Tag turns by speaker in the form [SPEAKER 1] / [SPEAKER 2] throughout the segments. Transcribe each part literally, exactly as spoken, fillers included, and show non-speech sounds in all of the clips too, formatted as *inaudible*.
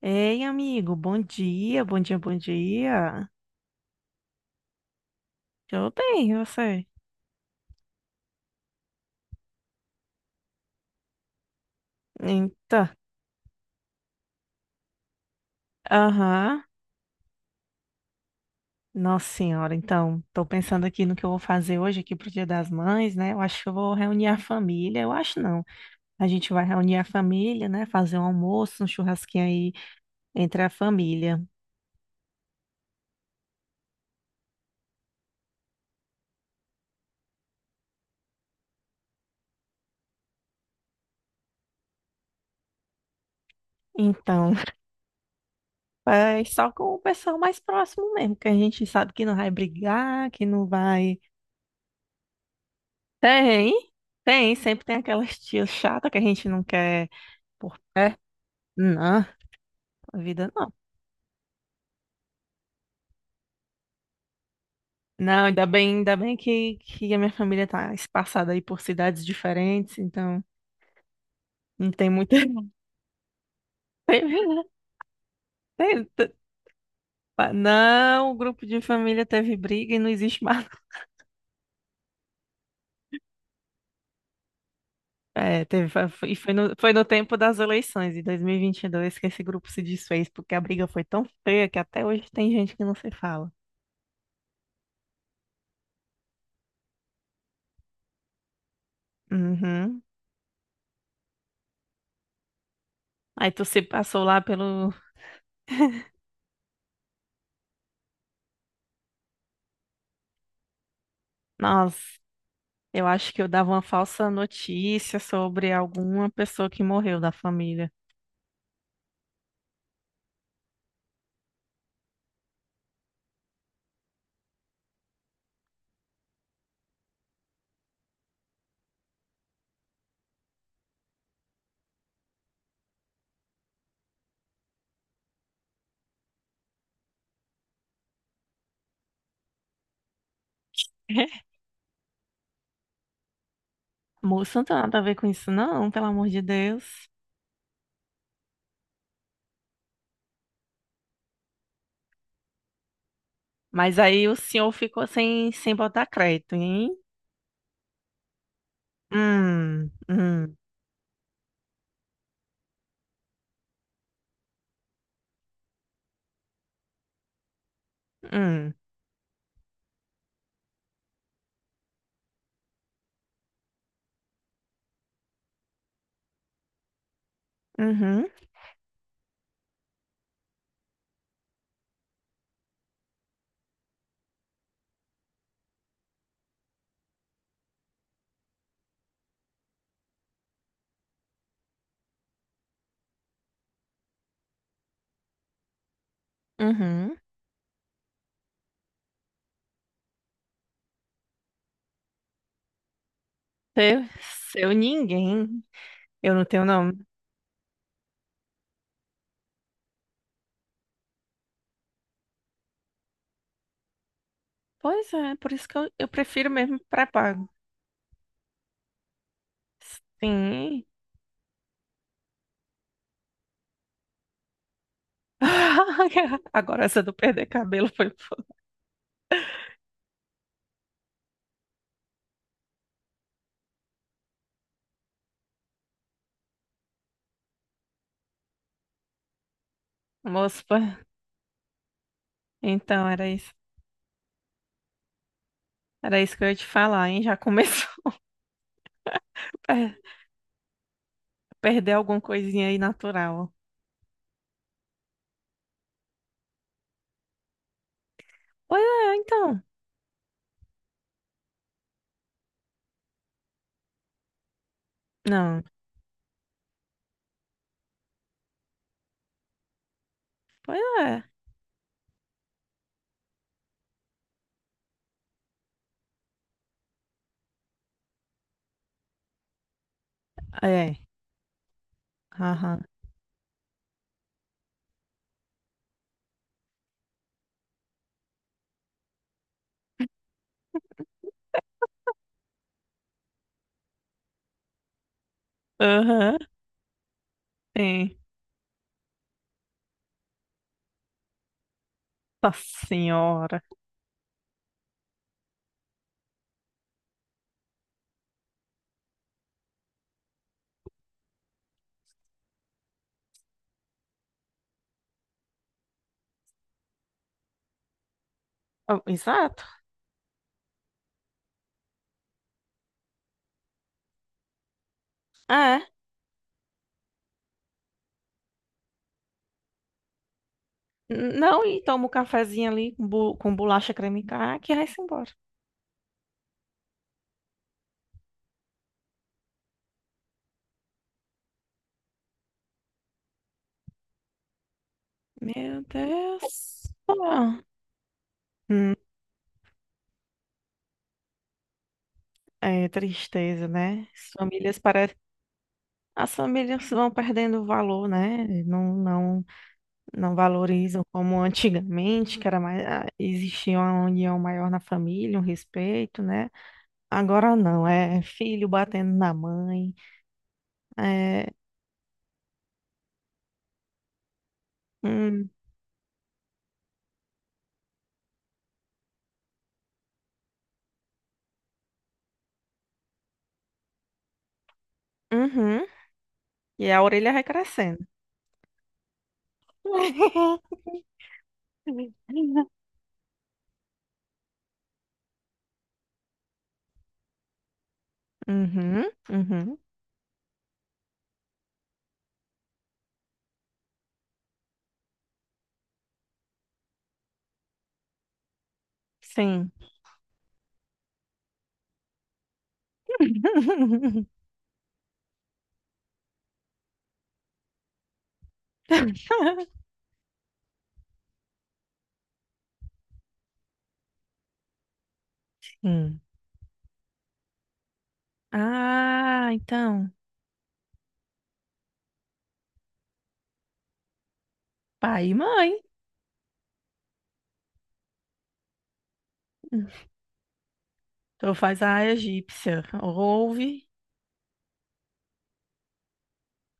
[SPEAKER 1] Ei, amigo, bom dia, bom dia, bom dia. Tudo bem, e você? Então, aham. Nossa senhora, então, tô pensando aqui no que eu vou fazer hoje aqui pro Dia das Mães, né? Eu acho que eu vou reunir a família, eu acho não. A gente vai reunir a família, né? Fazer um almoço, um churrasquinho aí entre a família. Então, *laughs* é só com o pessoal mais próximo mesmo, que a gente sabe que não vai brigar, que não vai... Tem, tem, sempre tem aquelas tias chatas que a gente não quer... por perto. Não, a vida não. Não, ainda bem, ainda bem que, que a minha família tá espaçada aí por cidades diferentes, então não tem muita. *laughs* teve, né? Tem- t- pa- Não, o grupo de família teve briga e não existe mais. É, teve, fa- foi- e foi no, foi no tempo das eleições, em dois mil e vinte e dois, que esse grupo se desfez, porque a briga foi tão feia que até hoje tem gente que não se fala. Uhum. Aí tu se passou lá pelo. Nossa, eu acho que eu dava uma falsa notícia sobre alguma pessoa que morreu da família. Moço, não tem nada a ver com isso, não, pelo amor de Deus. Mas aí o senhor ficou sem, sem botar crédito, hein? Hum, hum, hum, uhum, uhum. Seu, seu ninguém. Eu não tenho nome. Pois é, por isso que eu, eu prefiro mesmo pré-pago. Sim. *laughs* Agora essa do perder cabelo foi. Foda. Moço, pô, então era isso. Era isso que eu ia te falar, hein? Já começou *laughs* a per- perder alguma coisinha aí natural. Pois é, então. Não. Pois é. É. Aham. Aham, sim. Nossa senhora. Ah, exato. É. N- Não, e toma um cafezinho ali com, bu- com bolacha creme crack e vai-se embora. Meu Deus. Ah, hum, é tristeza, né? As famílias parecem. As famílias vão perdendo o valor, né? Não, não, não valorizam como antigamente, que era mais, ah, existia uma união maior na família, um respeito, né? Agora não, é filho batendo na mãe. É, hum, uhum, e a orelha vai crescendo. *laughs* Uhum, uhum, sim. *laughs* Hum. Ah, então, pai e mãe. Então faz a egípcia. Ouve,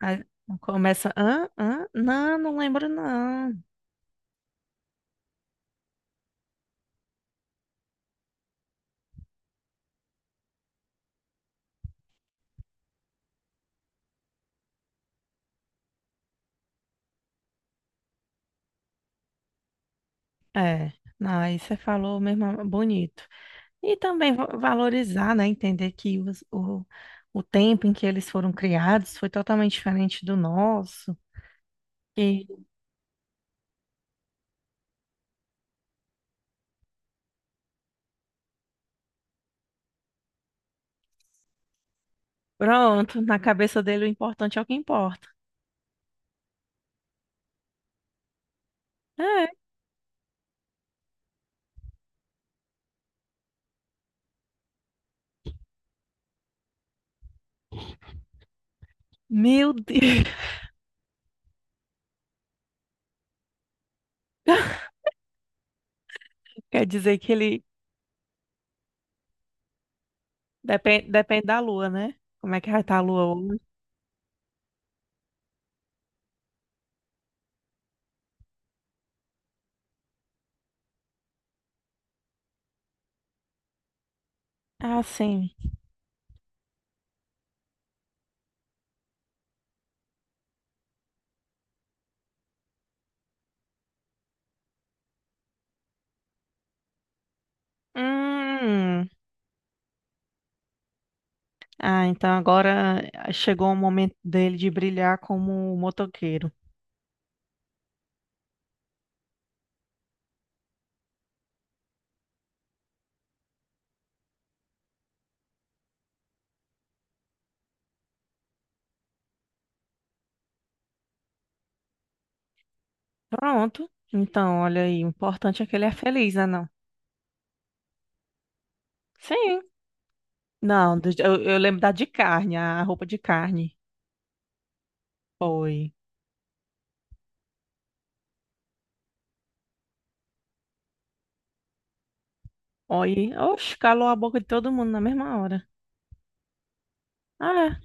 [SPEAKER 1] aí começa. Ah, ah, não, não lembro, não. É, não, aí você falou mesmo bonito. E também va- valorizar, né? Entender que os- o, o tempo em que eles foram criados foi totalmente diferente do nosso. E pronto, na cabeça dele o importante é o que importa. É, meu Deus. *laughs* Quer dizer que ele depende, depende da lua, né? Como é que vai estar a lua hoje? Ah, sim. Hum. Ah, então agora chegou o momento dele de brilhar como motoqueiro. Pronto. Então, olha aí, o importante é que ele é feliz, né, não? Sim. Não, do- eu, eu lembro da de carne, a roupa de carne. Foi. Oi. Oxe, calou a boca de todo mundo na mesma hora. Ah,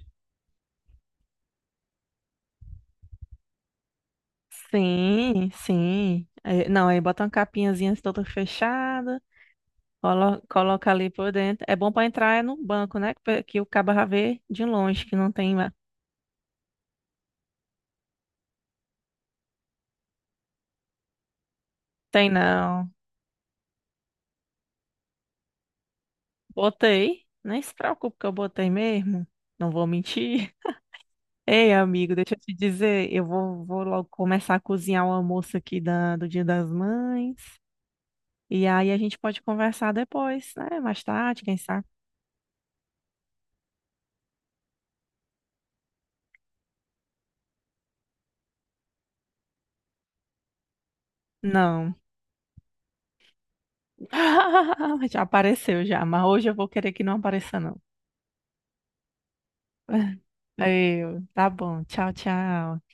[SPEAKER 1] sim, sim. É, não, aí bota uma capinhazinha assim, toda fechada, colo- coloca ali por dentro. É bom pra entrar é no banco, né? Que, pe- que o cabo já vê de longe, que não tem lá. Tem não. Botei. Nem se preocupe que eu botei mesmo. Não vou mentir. *laughs* Ei, amigo, deixa eu te dizer, eu vou, vou logo começar a cozinhar o almoço aqui da, do Dia das Mães. E aí a gente pode conversar depois, né? Mais tarde, quem sabe? Não. *laughs* Já apareceu já, mas hoje eu vou querer que não apareça, não. *laughs* Eu, tá bom. Tchau, tchau.